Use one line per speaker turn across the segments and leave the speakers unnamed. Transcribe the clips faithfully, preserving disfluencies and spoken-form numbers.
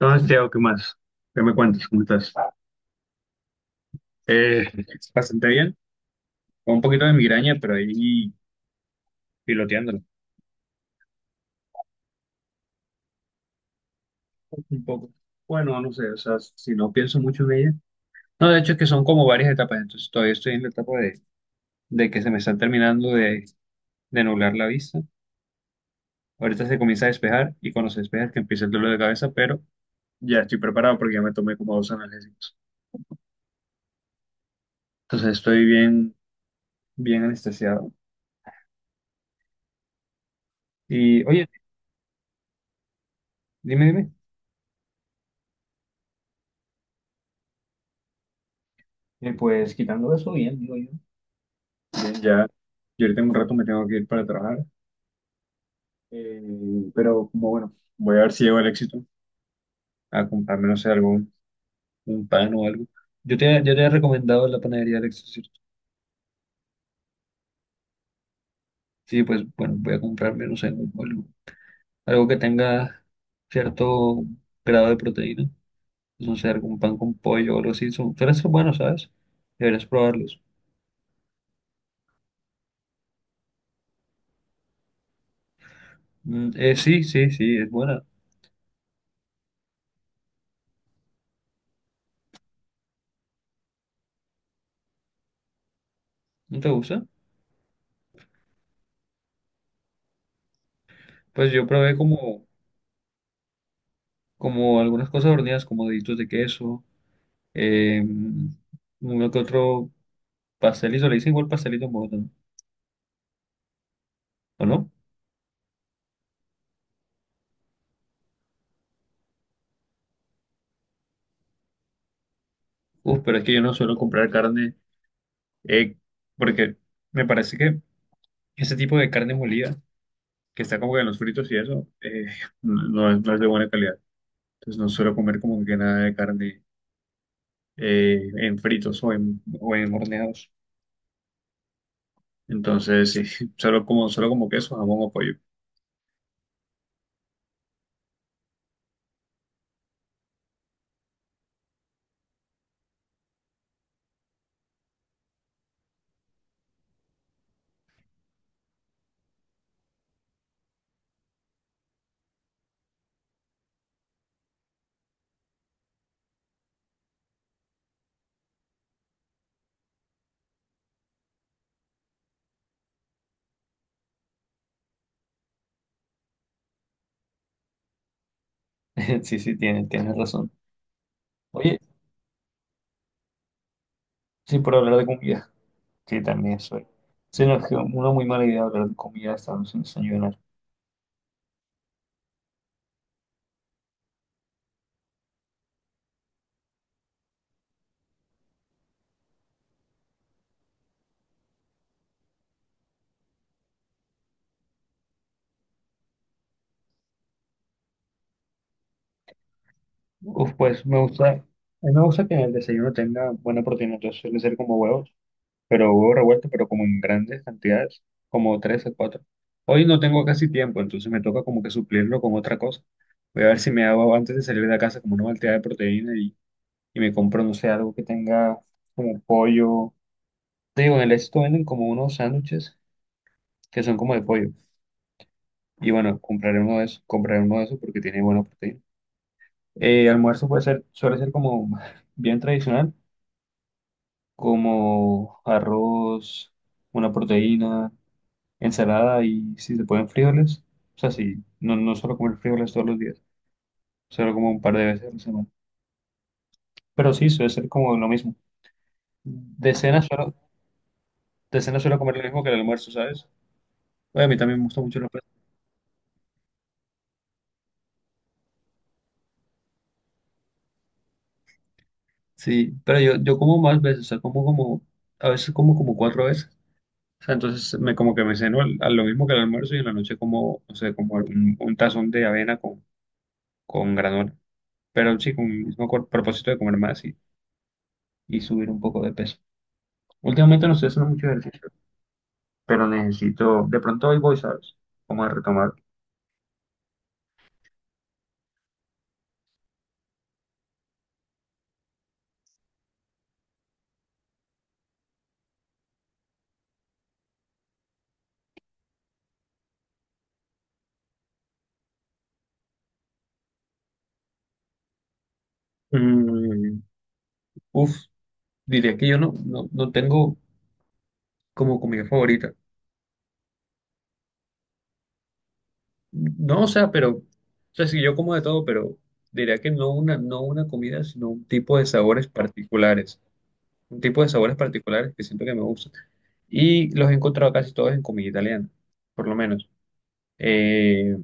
Entonces, Diego, ¿qué más? ¿Qué me cuentas? ¿Cómo estás? Eh, bastante bien, con un poquito de migraña, pero ahí piloteándolo. Un poco. Bueno, no sé, o sea, si no pienso mucho en ella. No, de hecho es que son como varias etapas, entonces todavía estoy en la etapa de, de que se me está terminando de, de nublar la vista. Ahorita se comienza a despejar y cuando se despeja es que empieza el dolor de cabeza, pero ya estoy preparado porque ya me tomé como dos analgésicos. Entonces estoy bien, bien anestesiado. Y oye, dime, dime. Eh, pues quitando eso, bien, digo yo. Bien, ya. Yo ahorita en un rato me tengo que ir para trabajar, eh, pero como bueno, voy a ver si llego al éxito a comprarme, no sé, algún un pan o algo. Yo te, yo te he recomendado la panadería del éxito, ¿cierto? Sí, pues bueno, voy a comprarme, no sé, algo, algo que tenga cierto grado de proteína, pues, no sé, algún pan con pollo o algo así. Son, suelen ser buenos, ¿sabes? Deberías probarlos. Mm, eh, sí, sí, sí, es buena. ¿No te gusta? Pues yo probé como, como algunas cosas horneadas, como deditos de queso. Eh, uno que otro pastelito, le dicen igual pastelito en Bogotá, ¿o no? Uf, pero es que yo no suelo comprar carne, eh, porque me parece que ese tipo de carne molida, que está como que en los fritos y eso, eh, no, no es, no es de buena calidad. Entonces no suelo comer como que nada de carne eh, en fritos o en, o en horneados. Entonces sí, solo como, solo como queso, jamón o pollo. Sí, sí, tienes, tienes razón. Oye, sí, por hablar de comida, que también soy. Se nos quedó una muy mala idea hablar de comida estando sin desayunar. Uf, pues me gusta, a mí me gusta que en el desayuno tenga buena proteína, entonces suele ser como huevos, pero huevos revueltos, pero como en grandes cantidades, como tres o cuatro. Hoy no tengo casi tiempo, entonces me toca como que suplirlo con otra cosa. Voy a ver si me hago antes de salir de la casa como una malteada de proteína y, y me compro, no sé, algo que tenga como pollo. Te digo, en el esto venden como unos sándwiches que son como de pollo. Y bueno, compraré uno de esos, compraré uno de esos porque tiene buena proteína. Eh, almuerzo puede ser, suele ser como bien tradicional, como arroz, una proteína, ensalada y si se pueden frijoles. O sea, sí, no, no suelo comer frijoles todos los días, solo como un par de veces a la semana. Pero sí, suele ser como lo mismo. De cena suelo, de cena suelo comer lo mismo que el almuerzo, ¿sabes? Bueno, a mí también me gusta mucho el almuerzo. Sí, pero yo, yo como más veces, o sea, como como, a veces como como cuatro veces. O sea, entonces me como que me ceno al- a lo mismo que el almuerzo y en la noche como, no sé, como un, un tazón de avena con, con granola. Pero sí, con el mismo cor- propósito de comer más y, y subir un poco de peso. Últimamente no estoy haciendo mucho ejercicio, pero necesito, de pronto hoy voy, ¿sabes? Como a retomar. Mm, uf, diría que yo no, no, no tengo como comida favorita. No, o sea, pero, o sea, sí, yo como de todo, pero diría que no una, no una comida, sino un tipo de sabores particulares. Un tipo de sabores particulares que siento que me gustan. Y los he encontrado casi todos en comida italiana, por lo menos. Eh,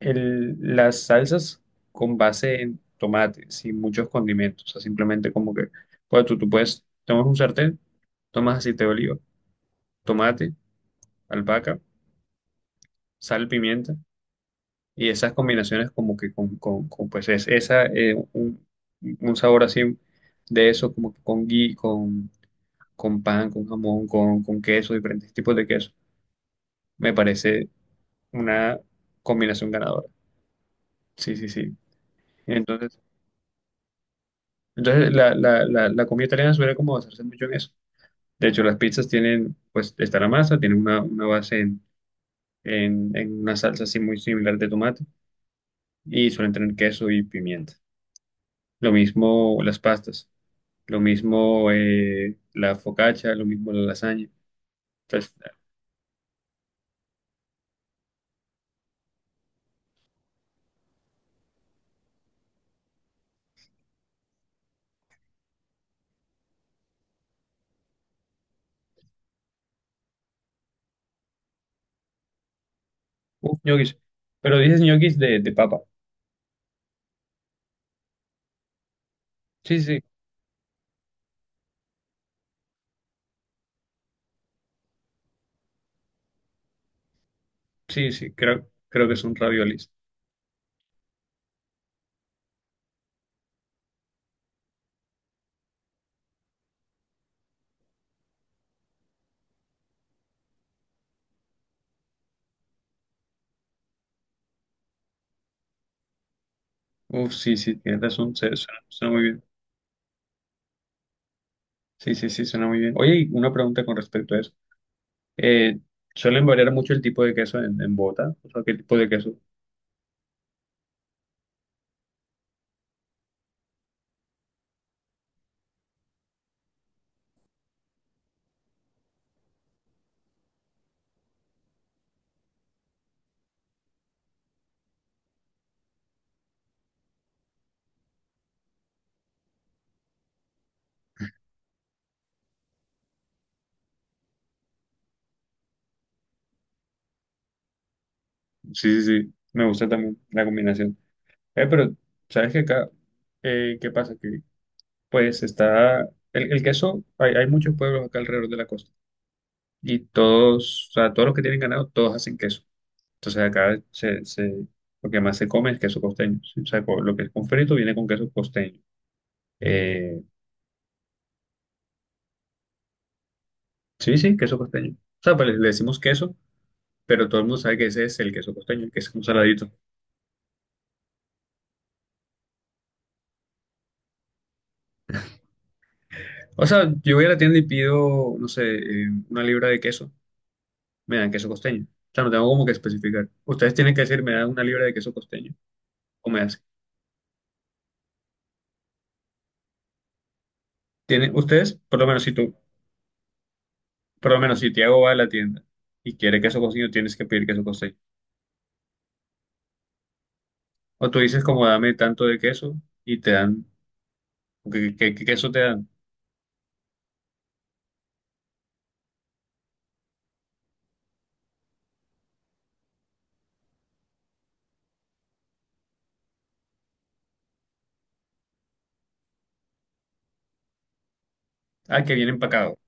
el- las salsas con base en tomate, sin muchos condimentos, o sea, simplemente como que, pues tú, tú puedes, tomas un sartén, tomas aceite de oliva, tomate, albahaca, sal, pimienta, y esas combinaciones como que con, con, con, pues es, esa, eh, un, un sabor así de eso, como que con gui, con, con pan, con jamón, con, con queso, diferentes tipos de queso me parece una combinación ganadora. Sí, sí, sí. Entonces, entonces la, la, la, la comida italiana suele como basarse mucho en eso. De hecho, las pizzas tienen, pues, está la masa, tienen una, una base en, en, en una salsa así muy similar de tomate y suelen tener queso y pimienta. Lo mismo las pastas, lo mismo eh, la focaccia, lo mismo la lasaña. Entonces, uf, ñoquis. Pero dices ñoquis de, de papa. Sí, sí, sí, sí, creo, creo que son raviolis. Uf, sí, sí, tienes razón, se- suena, suena muy bien. Sí, sí, sí, suena muy bien. Oye, y una pregunta con respecto a eso. Eh, ¿suelen variar mucho el tipo de queso en, en Bogotá? O sea, ¿qué tipo de queso? Sí, sí, sí, me gusta también la combinación. Eh, pero, ¿sabes qué acá? Eh, ¿qué pasa? Que, pues, está... El, el queso, hay, hay muchos pueblos acá alrededor de la costa. Y todos, o sea, todos los que tienen ganado, todos hacen queso. Entonces acá se, se, lo que más se come es queso costeño. ¿Sí? O sea, co- lo que es con frito viene con queso costeño. Eh, Sí, sí, queso costeño. O sea, pues le le decimos queso, pero todo el mundo sabe que ese es el queso costeño, que es un saladito. O sea, yo voy a la tienda y pido, no sé, eh, una libra de queso, me dan queso costeño. O sea, no tengo como que especificar. Ustedes tienen que decir, me dan una libra de queso costeño, o me hacen. Tienen, ustedes, por lo menos si tú, por lo menos si Tiago va a la tienda y quiere queso costeño, tienes que pedir queso costeño. O tú dices, como dame tanto de queso y te dan, ¿qué, qué- qué queso te dan? Ah, que viene empacado,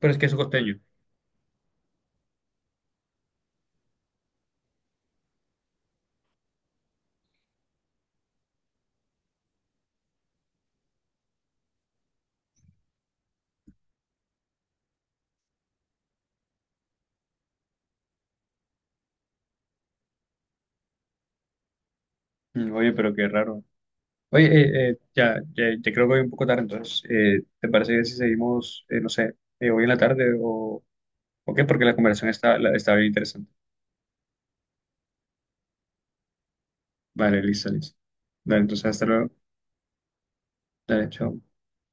pero es queso costeño. Mm, oye, pero qué raro. Oye, eh, eh, ya, ya, ya creo que voy un poco tarde, entonces, eh, ¿te parece bien si seguimos, eh, no sé, eh, hoy en la tarde o, o qué? Porque la conversación está, la- está bien interesante. Vale, listo, listo. Dale, entonces, hasta luego. Dale, chao.